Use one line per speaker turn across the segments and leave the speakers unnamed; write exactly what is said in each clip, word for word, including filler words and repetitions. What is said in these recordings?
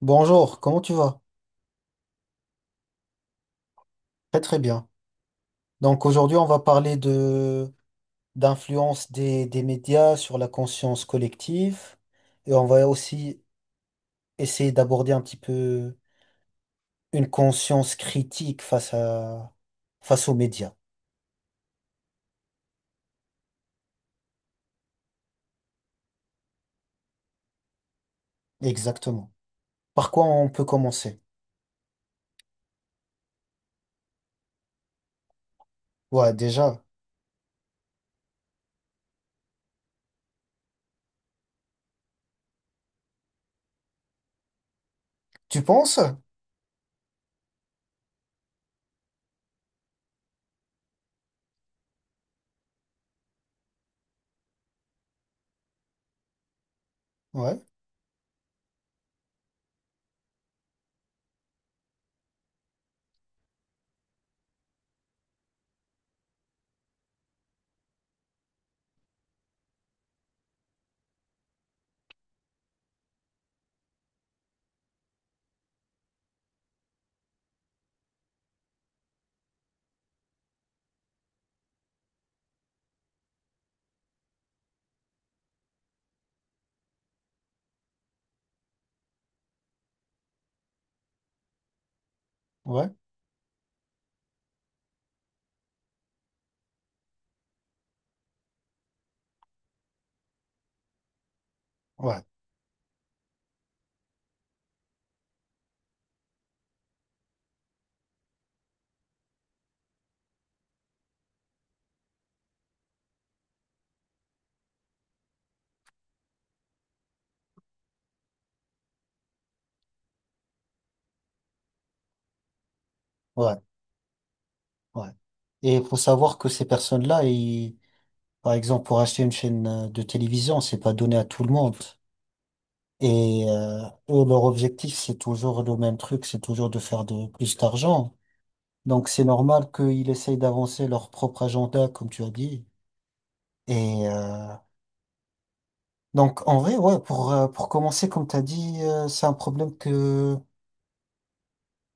Bonjour, comment tu vas? Très très bien. Donc aujourd'hui, on va parler de d'influence des, des médias sur la conscience collective et on va aussi essayer d'aborder un petit peu une conscience critique face à face aux médias. Exactement. Par quoi on peut commencer? Ouais, déjà. Tu penses? Ouais, ouais, ouais, ouais, ouais. Et il faut savoir que ces personnes-là, ils- par exemple, pour acheter une chaîne euh, de télévision, c'est pas donné à tout le monde. Et euh, eux, leur objectif, c'est toujours le même truc, c'est toujours de faire de plus d'argent. Donc c'est normal qu'ils essayent d'avancer leur propre agenda, comme tu as dit. Et euh, donc en vrai, ouais, pour euh, pour commencer, comme tu as dit, euh, c'est un problème que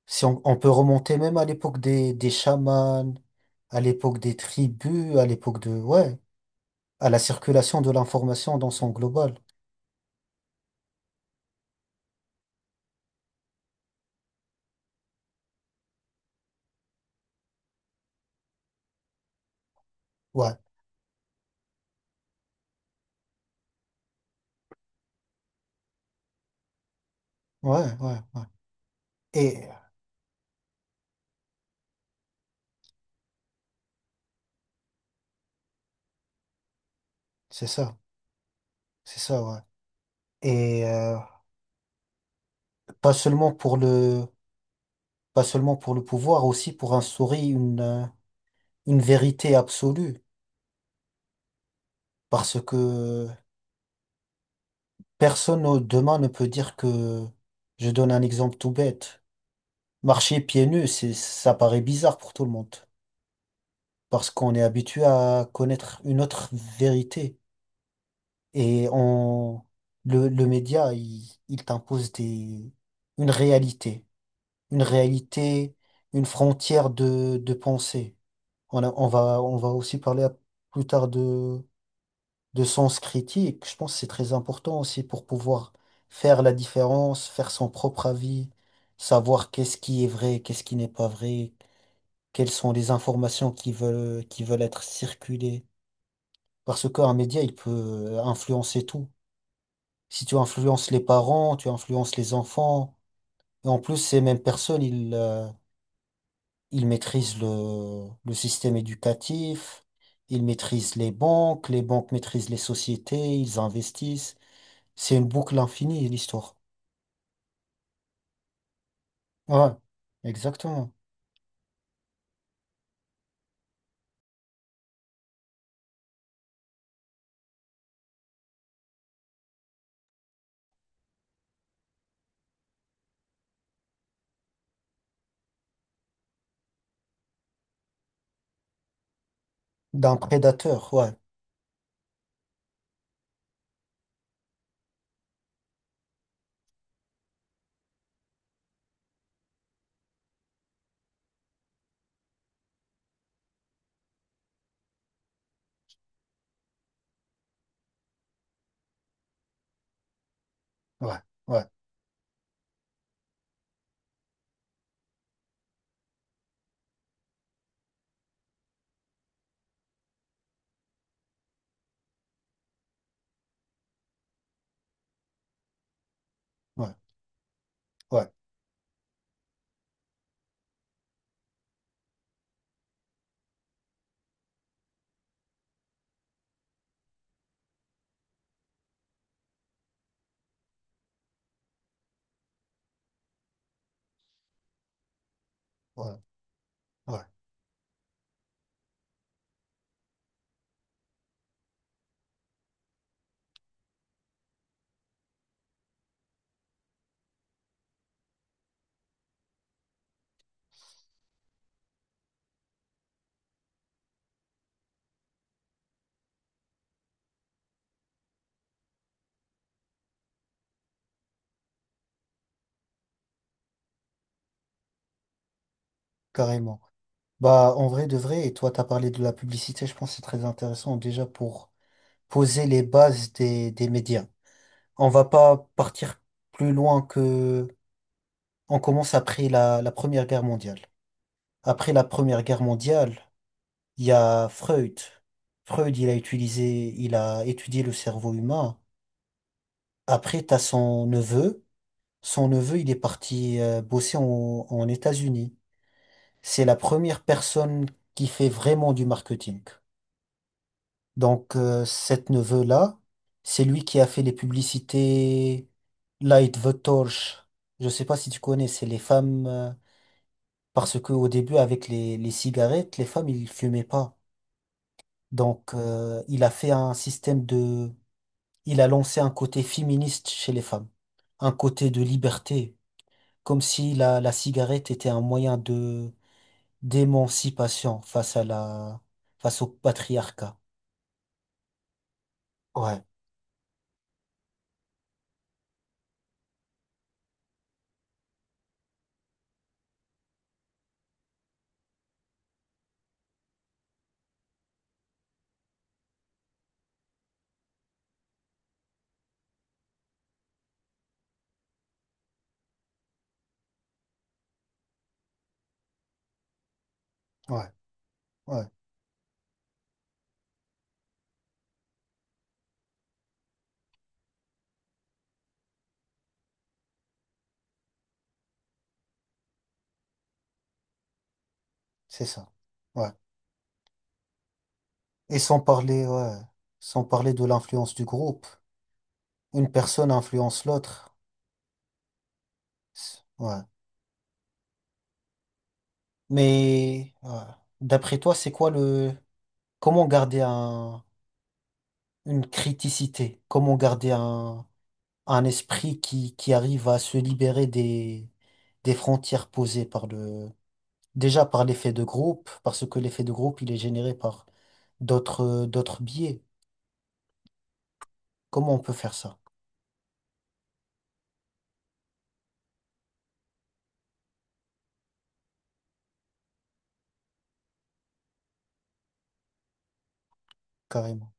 si on, on peut remonter même à l'époque des des chamans, à l'époque des tribus, à l'époque de ouais, à la circulation de l'information dans son global. Ouais, ouais, ouais, ouais. Et euh, c'est ça, c'est ça, ouais. Et euh, Pas seulement pour le, pas seulement pour le pouvoir, aussi pour instaurer une, euh, une vérité absolue. Parce que personne au- demain ne peut dire que, je donne un exemple tout bête. Marcher pieds nus, c'est, ça paraît bizarre pour tout le monde. Parce qu'on est habitué à connaître une autre vérité. Et on, le, le média, il, il t'impose des, une réalité. Une réalité, une frontière de, de pensée. On a- on va, on va aussi parler à- plus tard de, de sens critique. Je pense que c'est très important aussi pour pouvoir faire la différence, faire son propre avis, savoir qu'est-ce qui est vrai, qu'est-ce qui n'est pas vrai, quelles sont les informations qui veulent, qui veulent être circulées. Parce qu'un média, il peut euh, influencer tout. Si tu influences les parents, tu influences les enfants, et en plus, ces mêmes personnes, ils, euh, ils maîtrisent le, le système éducatif, ils maîtrisent les banques, les banques maîtrisent les sociétés, ils investissent. C'est une boucle infinie, l'histoire. Ouais, exactement. D'un prédateur, ouais, ouais, ouais, ouais, ouais, ouais, ouais, carrément. Bah, en vrai de vrai, et toi, t'as parlé de la publicité, je pense que c'est très intéressant déjà pour poser les bases des, des médias. On va pas partir plus loin que on commence après la, la Première Guerre mondiale. Après la Première Guerre mondiale, il y a Freud. Freud, il a utilisé, il a étudié le cerveau humain. Après, t'as son neveu. Son neveu, il est parti euh, bosser en, en États-Unis. C'est la première personne qui fait vraiment du marketing. Donc, euh, cet neveu-là, c'est lui qui a fait les publicités Light the Torch. Je sais pas si tu connais, c'est les femmes, euh, parce que au début, avec les, les cigarettes, les femmes, ils fumaient pas. Donc, euh, il a fait un système de… Il a lancé un côté féministe chez les femmes, un côté de liberté, comme si la, la cigarette était un moyen de d'émancipation face à la face au patriarcat. Ouais, ouais, ouais, c'est ça. Ouais. Et sans parler, ouais, sans parler de l'influence du groupe, une personne influence l'autre. C'est- ouais. Mais ouais. D'après toi, c'est quoi le comment garder un une criticité. Comment garder un, un esprit qui, qui arrive à se libérer des, des frontières posées par le, déjà par l'effet de groupe, parce que l'effet de groupe, il est généré par d'autres, euh, d'autres biais. Comment on peut faire ça? Carrément.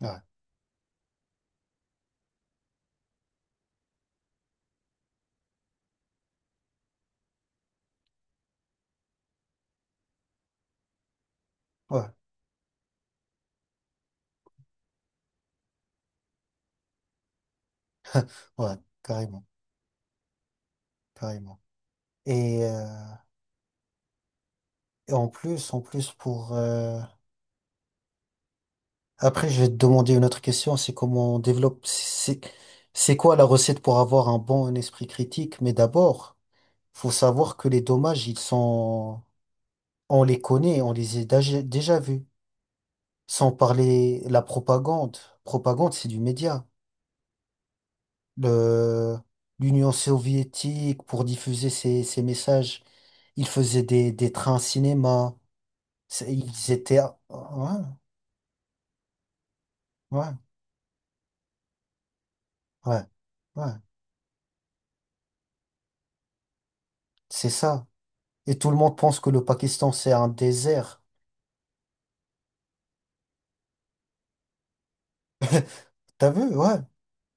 Ouais, ouais, ouais, carrément, carrément. Et, euh, et en plus, en plus pour, euh, après, je vais te demander une autre question, c'est comment on développe, c'est, c'est quoi la recette pour avoir un bon esprit critique? Mais d'abord, faut savoir que les dommages, ils sont, on les connaît, on les a déjà, déjà vus. Sans parler la propagande. Propagande, c'est du média. Le, l'Union soviétique, pour diffuser ses, ses messages, ils faisaient des, des trains cinéma. C'est- ils étaient, ouais, ouais, ouais, ouais. C'est ça. Et tout le monde pense que le Pakistan, c'est un désert. T'as vu? Ouais,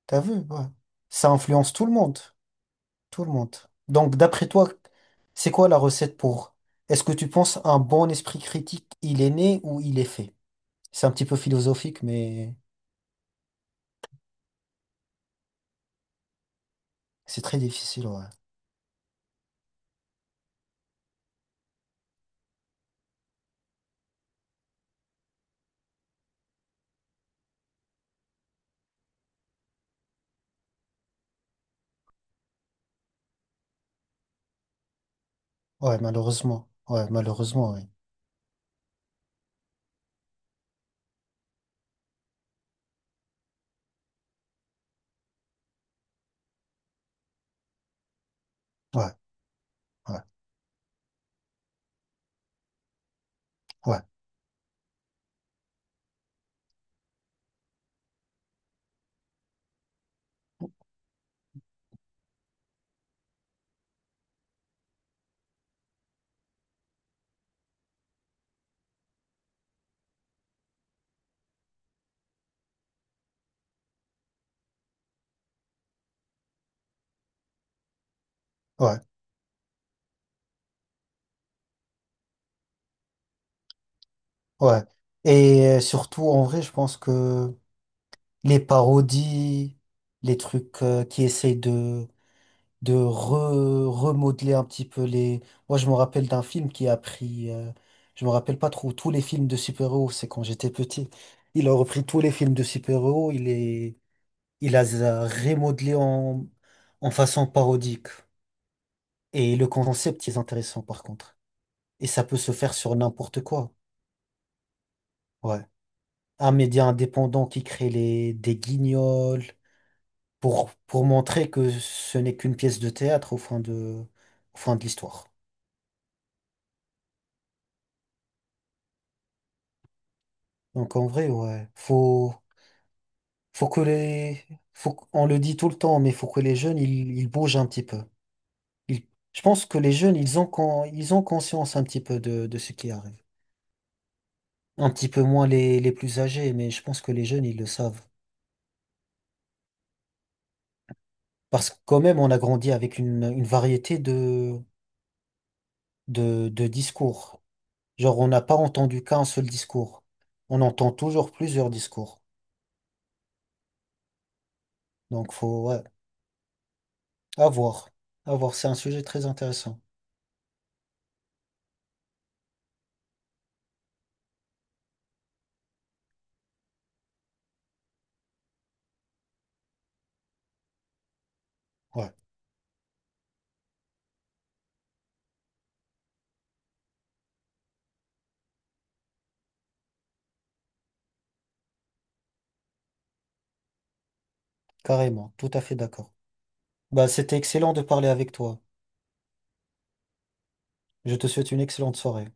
t'as vu? Ouais. Ça influence tout le monde. Tout le monde. Donc, d'après toi, c'est quoi la recette pour… Est-ce que tu penses un bon esprit critique, il est né ou il est fait? C'est un petit peu philosophique, mais c'est très difficile, ouais. Ouais, malheureusement. Ouais, malheureusement, oui. Ouais, ouais, ouais, ouais, ouais. Et euh, surtout, en vrai, je pense que les parodies, les trucs euh, qui essayent de de re- remodeler un petit peu les… Moi, je me rappelle d'un film qui a pris… euh, je me rappelle pas trop, tous les films de super-héros, c'est quand j'étais petit. Il a repris tous les films de super-héros, il les… il les a remodelés en… en façon parodique. Et le concept est intéressant, par contre. Et ça peut se faire sur n'importe quoi. Ouais. Un média indépendant qui crée les… des guignols pour… pour montrer que ce n'est qu'une pièce de théâtre au fin de… au fin de l'histoire. Donc en vrai, ouais, faut, faut que les, faut, qu- on le dit tout le temps, mais faut que les jeunes, ils, ils bougent un petit peu. Ils- je pense que les jeunes, ils ont, con- ils ont conscience un petit peu de, de ce qui arrive. Un petit peu moins les, les plus âgés, mais je pense que les jeunes, ils le savent. Parce que quand même, on a grandi avec une, une variété de, de, de discours. Genre, on n'a pas entendu qu'un seul discours. On entend toujours plusieurs discours. Donc faut, ouais, à voir. À voir, c'est un sujet très intéressant. Ouais, carrément, tout à fait d'accord. Bah, c'était excellent de parler avec toi. Je te souhaite une excellente soirée.